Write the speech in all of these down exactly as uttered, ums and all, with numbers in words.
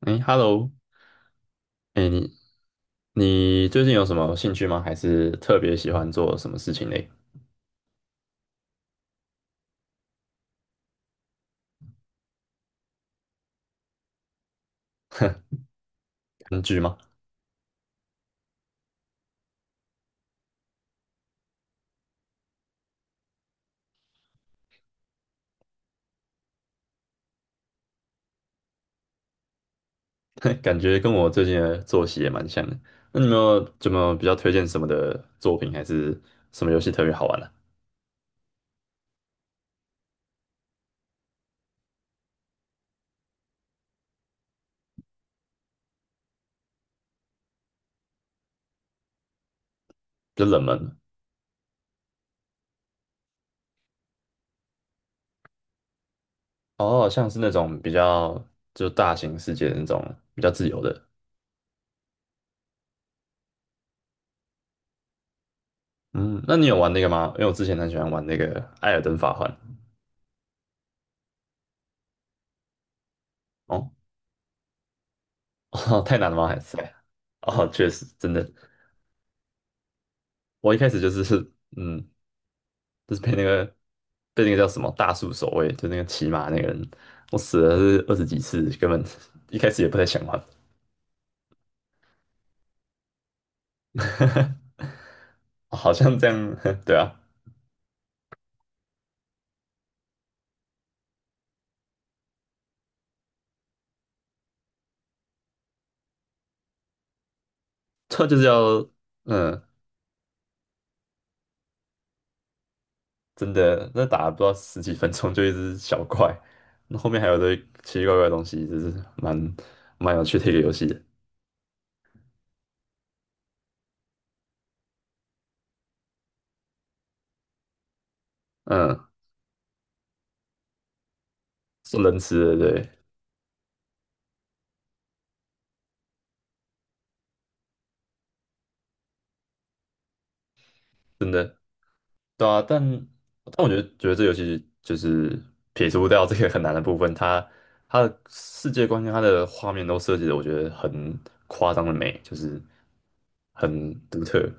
哎，Hello，哎，你你最近有什么兴趣吗？还是特别喜欢做什么事情嘞？看剧吗？感觉跟我最近的作息也蛮像的。那你有没有怎么比较推荐什么的作品，还是什么游戏特别好玩呢、比较冷门的哦，像是那种比较就大型世界的那种比较自由的。嗯，那你有玩那个吗？因为我之前很喜欢玩那个《艾尔登法环》哦，哦太难了吗？还是？哦，确实，真的。我一开始就是嗯，就是被那个被那个叫什么大树守卫，就那个骑马那个人，我死了是二十几次，根本一开始也不太想玩，好像这样，对啊，他就是要嗯，真的那打了不知道十几分钟就一只小怪，那后面还有一堆奇奇怪怪的东西，就是蛮蛮有趣的一个游戏的，嗯，是能吃的，对，真的。对啊，但但我觉得觉得这游戏就是撇除掉这个很难的部分，它它的世界观跟它的画面都设计的，我觉得很夸张的美，就是很独特。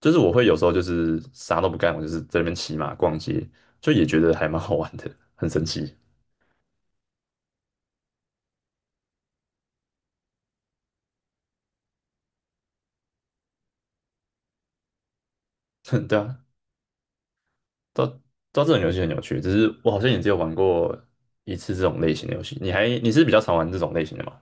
就是我会有时候就是啥都不干，我就是在那边骑马逛街，就也觉得还蛮好玩的，很神奇。对啊，到到这种游戏很有趣，只是我好像也只有玩过一次这种类型的游戏。你还你是比较常玩这种类型的吗？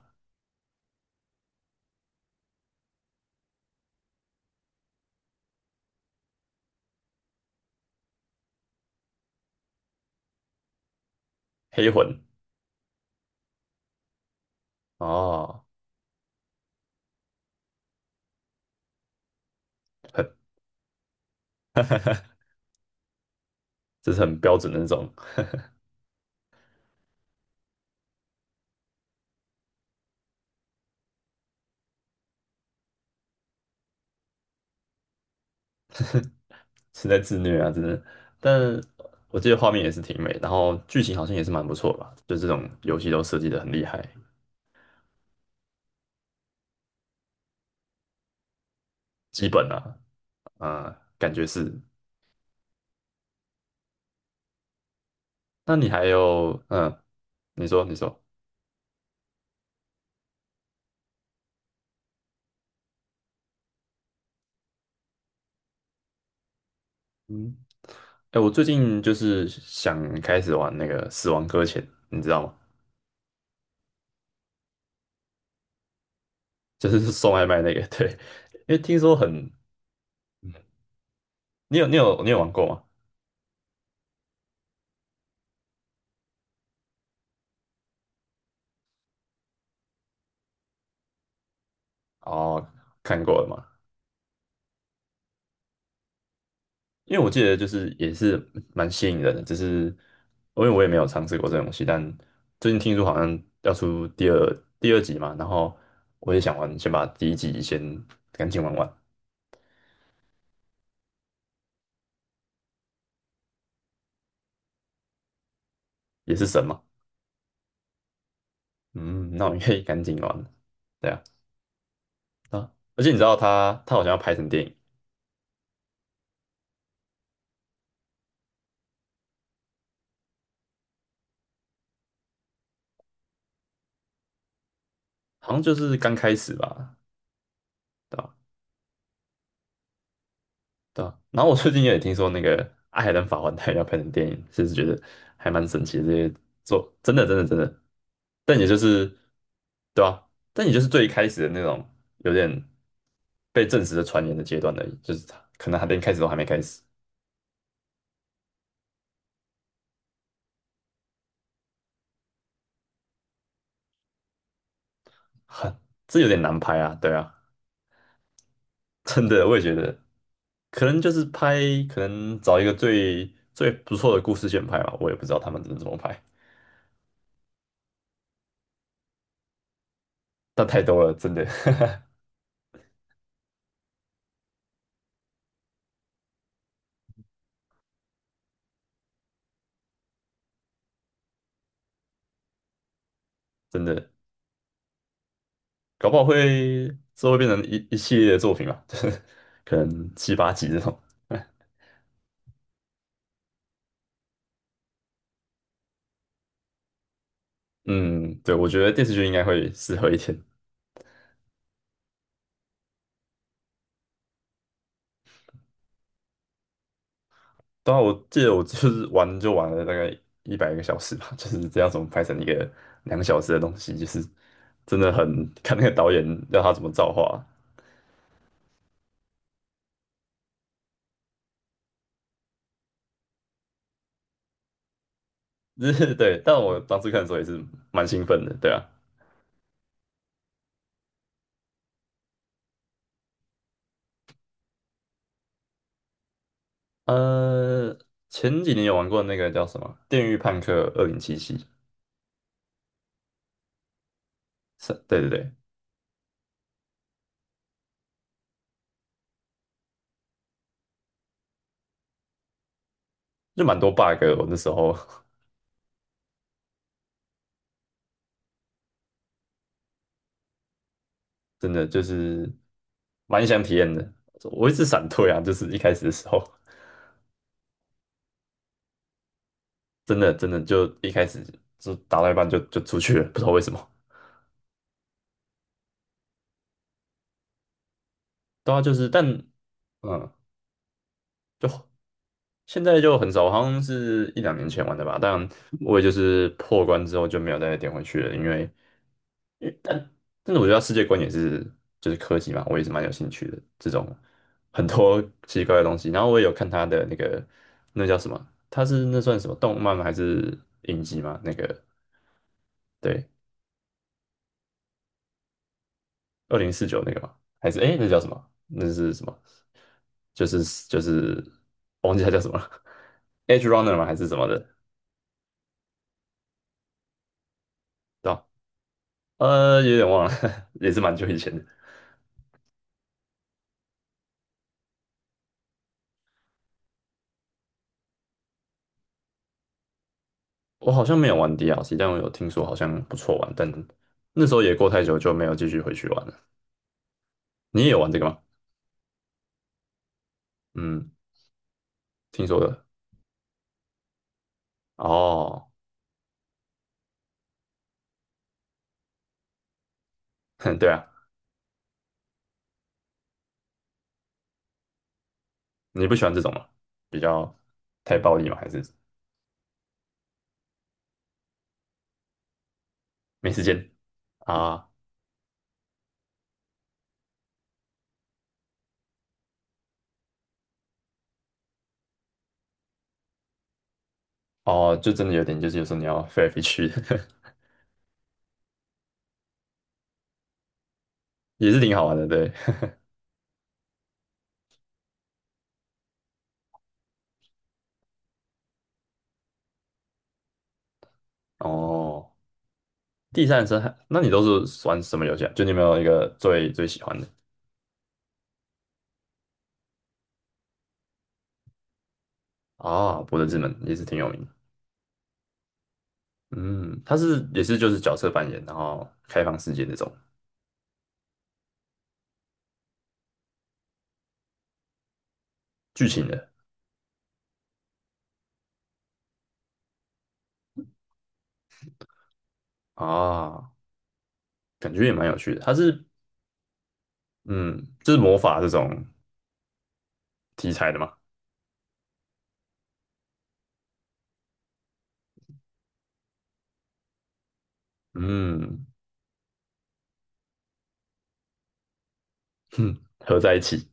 黑魂哦，很这是很标准的那种。是在自虐啊，真的。但我记得画面也是挺美，然后剧情好像也是蛮不错吧，就这种游戏都设计的很厉害，基本啊，啊、感觉是。那你还有，嗯，你说，你说，嗯，哎，我最近就是想开始玩那个《死亡搁浅》，你知道吗？就是送外卖那个，对，因为听说很，你有你有你有玩过吗？哦，看过了吗？因为我记得就是也是蛮吸引人的，只是因为我也没有尝试过这个东西，但最近听说好像要出第二第二集嘛，然后我也想玩，先把第一集先赶紧玩完，也是神嘛，嗯，那我应该也赶紧玩了，对啊，啊，而且你知道他他好像要拍成电影，好像就是刚开始吧，对吧？对啊，然后我最近也听说那个《爱尔兰法环》它要拍成电影，其实觉得还蛮神奇的。这些做真的真的真的，但也就是对啊，但也就是最一开始的那种有点被证实的传言的阶段而已，就是他可能还没开始都还没开始，很这有点难拍啊。对啊，真的我也觉得，可能就是拍，可能找一个最最不错的故事线拍吧，我也不知道他们怎么怎么拍，但太多了，真的 真的。搞不好会之后会变成一一系列的作品吧，就是可能七八集这种。嗯，对，我觉得电视剧应该会适合一点。当然，我记得我就是玩就玩了大概一百个小时吧，就是这样怎么拍成一个两个小时的东西，就是真的很看那个导演要他怎么造化，就是 对。但我当时看的时候也是蛮兴奋的，对啊。呃，前几年有玩过那个叫什么《电狱判客二零七七》，是，对对对，就蛮多 bug，的我那时候 真的就是蛮想体验的。我一直闪退啊，就是一开始的时候，真的真的就一开始就打到一半就就出去了，不知道为什么。对啊，就是但嗯，就现在就很少，好像是一两年前玩的吧。但我也就是破关之后就没有再点回去了，因为但是我觉得它世界观也是就是科技嘛，我也是蛮有兴趣的这种很多奇奇怪怪的东西。然后我也有看他的那个那叫什么。他是那算什么动漫吗还是影集吗？那个对，二零四九那个嘛，还是哎，那叫什么？那是什么？就是就是我忘记它叫什么了 ，Edge Runner 吗？还是什么的？对吧？呃，有点忘了，也是蛮久以前的。我好像没有玩 D L C，但我有听说好像不错玩，但那时候也过太久就没有继续回去玩了。你也有玩这个吗？嗯，听说的。哦，哼对啊，你不喜欢这种吗？比较太暴力吗？还是没时间啊？哦，就真的有点，就是有时候你要飞来飞去。也是挺好玩的，对。哦，第三人称还那你都是玩什么游戏啊？就你有没有一个最最喜欢的啊？博德之门也是挺有名的嗯，它是也是就是角色扮演，然后开放世界那种剧情的啊，感觉也蛮有趣的。它是嗯，就是魔法这种题材的嘛，嗯，哼，合在一起，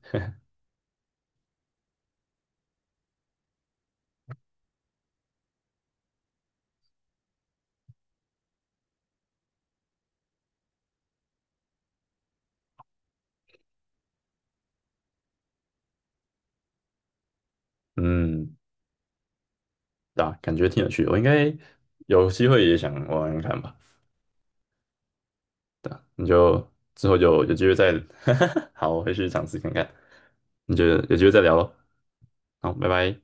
嗯，啊，感觉挺有趣的。我应该有机会也想玩玩看吧。你就之后就有机会再，好，我回去尝试看看。你就有机会再聊咯。好，拜拜。